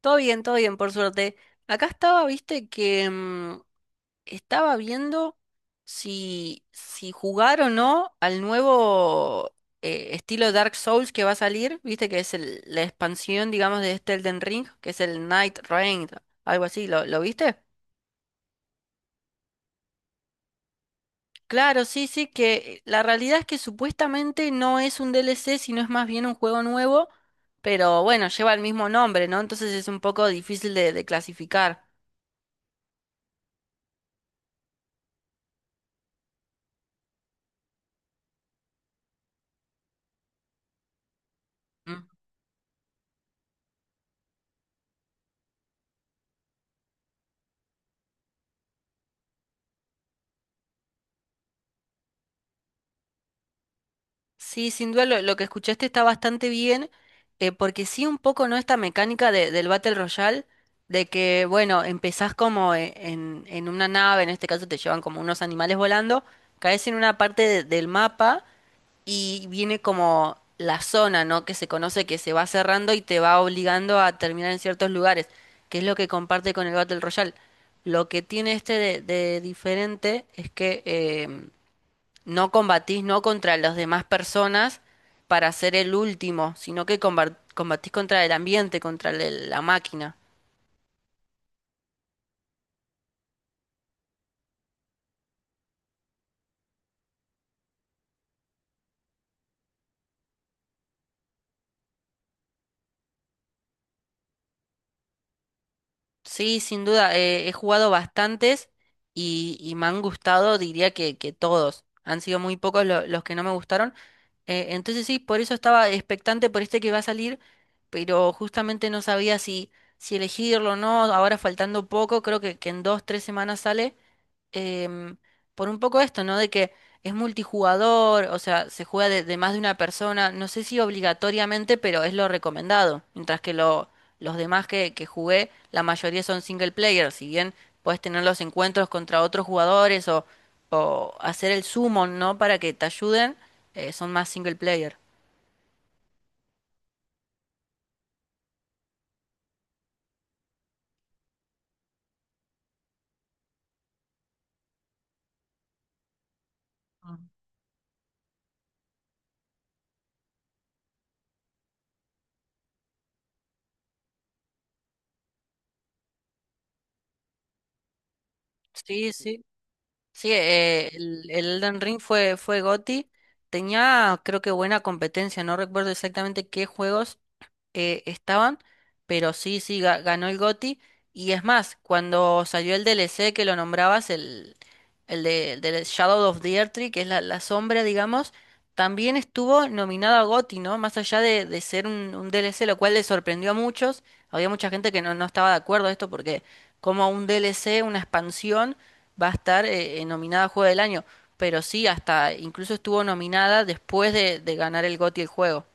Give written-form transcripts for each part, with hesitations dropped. Todo bien, por suerte. Acá estaba, viste, que estaba viendo si jugar o no al nuevo estilo Dark Souls que va a salir, viste, que es la expansión, digamos, de este Elden Ring, que es el Night Reign, algo así, ¿lo viste? Claro, sí, sí, que la realidad es que supuestamente no es un DLC, sino es más bien un juego nuevo, pero bueno, lleva el mismo nombre, ¿no? Entonces es un poco difícil de clasificar. Sí, sin duda lo que escuchaste está bastante bien, porque sí un poco no esta mecánica del Battle Royale, de que, bueno, empezás como en una nave, en este caso te llevan como unos animales volando, caes en una parte del mapa y viene como la zona, ¿no? Que se conoce que se va cerrando y te va obligando a terminar en ciertos lugares, que es lo que comparte con el Battle Royale. Lo que tiene este de diferente es que... no combatís no contra las demás personas para ser el último, sino que combatís contra el ambiente, contra la máquina. Sí, sin duda, he jugado bastantes y me han gustado, diría que todos. Han sido muy pocos los que no me gustaron. Entonces sí, por eso estaba expectante por este que va a salir, pero justamente no sabía si elegirlo o no. Ahora faltando poco, creo que en dos, tres semanas sale. em, por un poco esto, ¿no? De que es multijugador, o sea, se juega de más de una persona, no sé si obligatoriamente, pero es lo recomendado, mientras que los demás que jugué, la mayoría son single player, si bien puedes tener los encuentros contra otros jugadores o hacer el summon, ¿no? Para que te ayuden, son más single player. Ah, sí, sí. Sí, el Elden Ring fue GOTY. Tenía, creo que buena competencia, no recuerdo exactamente qué juegos estaban, pero sí, sí, ganó el GOTY. Y es más, cuando salió el DLC que lo nombrabas, el de Shadow of the Earth Tree, que es la sombra, digamos, también estuvo nominado a GOTY, ¿no? Más allá de ser un DLC, lo cual le sorprendió a muchos. Había mucha gente que no estaba de acuerdo a esto porque como un DLC, una expansión, va a estar nominada a Juego del Año. Pero sí, hasta incluso estuvo nominada después de ganar el GOTY el juego.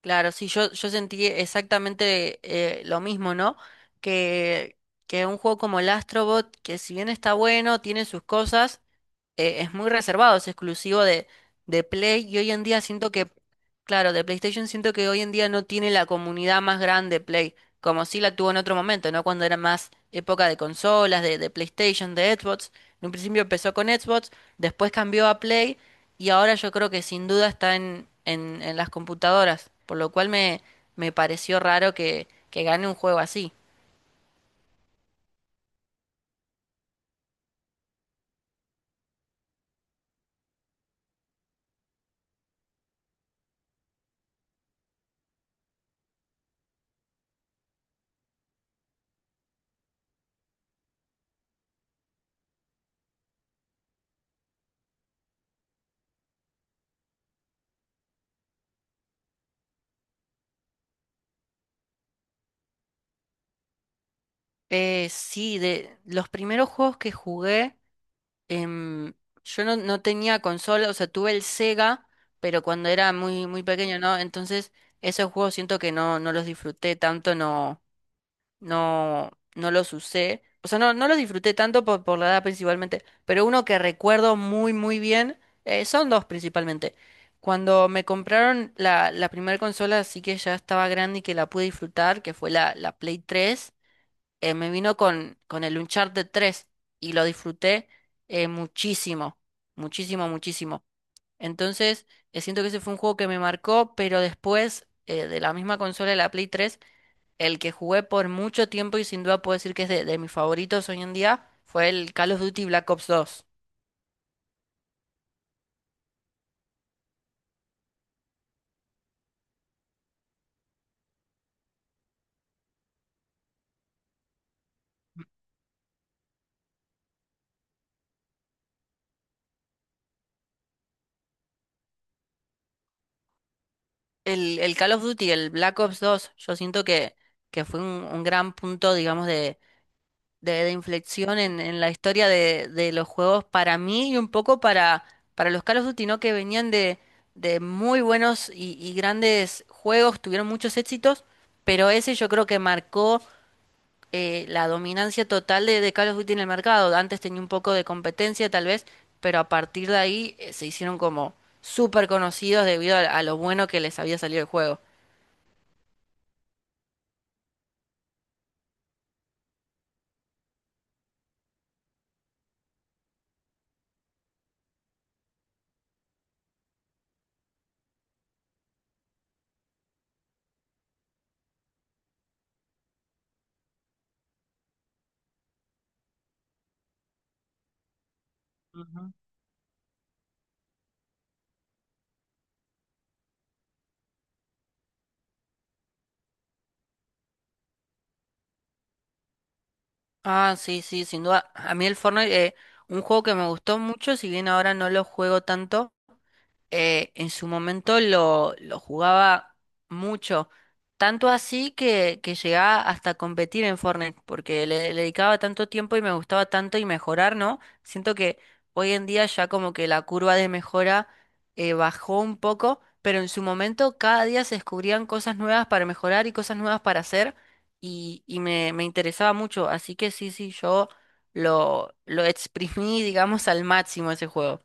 Claro, sí, yo sentí exactamente lo mismo, ¿no? Que, que un juego como el Astrobot, que si bien está bueno, tiene sus cosas, es muy reservado, es exclusivo de Play y hoy en día siento claro, de PlayStation siento que hoy en día no tiene la comunidad más grande Play, como sí la tuvo en otro momento, ¿no? Cuando era más época de consolas, de PlayStation, de Xbox. En un principio empezó con Xbox, después cambió a Play y ahora yo creo que sin duda está en las computadoras, por lo cual me pareció raro que gane un juego así. Sí, de los primeros juegos que jugué. em, yo no tenía consola, o sea, tuve el Sega, pero cuando era muy, muy pequeño, ¿no? Entonces, esos juegos siento que no los disfruté tanto, no los usé. O sea, no los disfruté tanto por la edad principalmente, pero uno que recuerdo muy, muy bien, son dos principalmente. Cuando me compraron la primera consola, así que ya estaba grande y que la pude disfrutar, que fue la Play 3, me vino con el Uncharted 3 y lo disfruté muchísimo, muchísimo, muchísimo. Entonces, siento que ese fue un juego que me marcó, pero después de la misma consola de la Play 3, el que jugué por mucho tiempo y sin duda puedo decir que es de mis favoritos hoy en día, fue el Call of Duty Black Ops 2. El Call of Duty, el Black Ops 2, yo siento que fue un gran punto, digamos, de inflexión en la historia de los juegos para mí y un poco para los Call of Duty, ¿no? Que venían de muy buenos y grandes juegos, tuvieron muchos éxitos, pero ese yo creo que marcó la dominancia total de Call of Duty en el mercado. Antes tenía un poco de competencia tal vez, pero a partir de ahí se hicieron como súper conocidos debido a lo bueno que les había salido el juego. Ah, sí, sí, sin duda. A mí el Fortnite, un juego que me gustó mucho, si bien ahora no lo juego tanto, en su momento lo jugaba mucho, tanto así que llegaba hasta a competir en Fortnite, porque le dedicaba tanto tiempo y me gustaba tanto y mejorar, ¿no? Siento que hoy en día ya como que la curva de mejora bajó un poco, pero en su momento cada día se descubrían cosas nuevas para mejorar y cosas nuevas para hacer me interesaba mucho, así que sí, sí, yo lo exprimí, digamos, al máximo ese juego.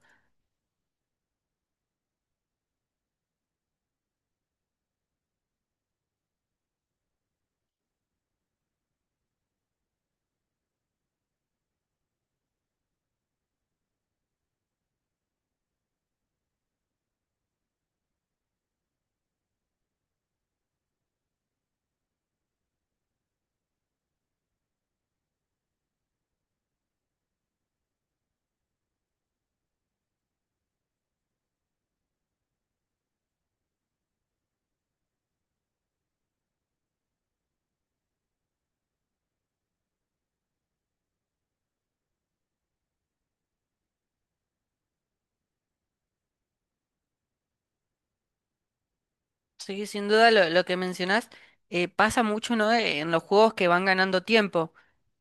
Sí, sin duda lo que mencionás pasa mucho, ¿no? En los juegos que van ganando tiempo.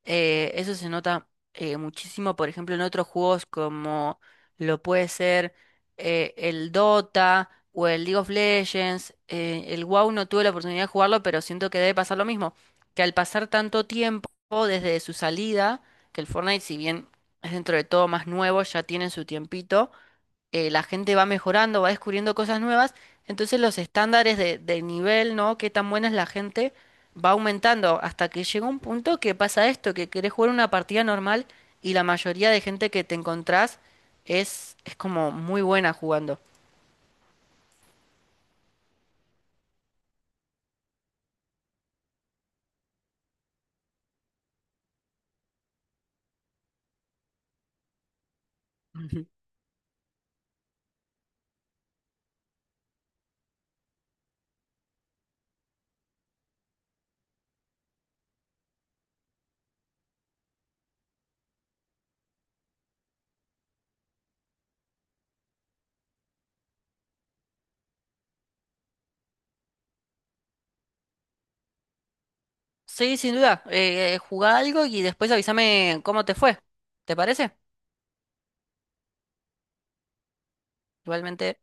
Eso se nota muchísimo, por ejemplo, en otros juegos como lo puede ser el Dota o el League of Legends. El WoW no tuve la oportunidad de jugarlo, pero siento que debe pasar lo mismo. Que al pasar tanto tiempo desde su salida, que el Fortnite, si bien es dentro de todo más nuevo, ya tiene su tiempito, la gente va mejorando, va descubriendo cosas nuevas, entonces los estándares de nivel, ¿no? Qué tan buena es la gente, va aumentando hasta que llega un punto que pasa esto, que querés jugar una partida normal y la mayoría de gente que te encontrás es como muy buena jugando. Ujú. Sí, sin duda, jugá algo y después avísame cómo te fue, ¿te parece? Igualmente...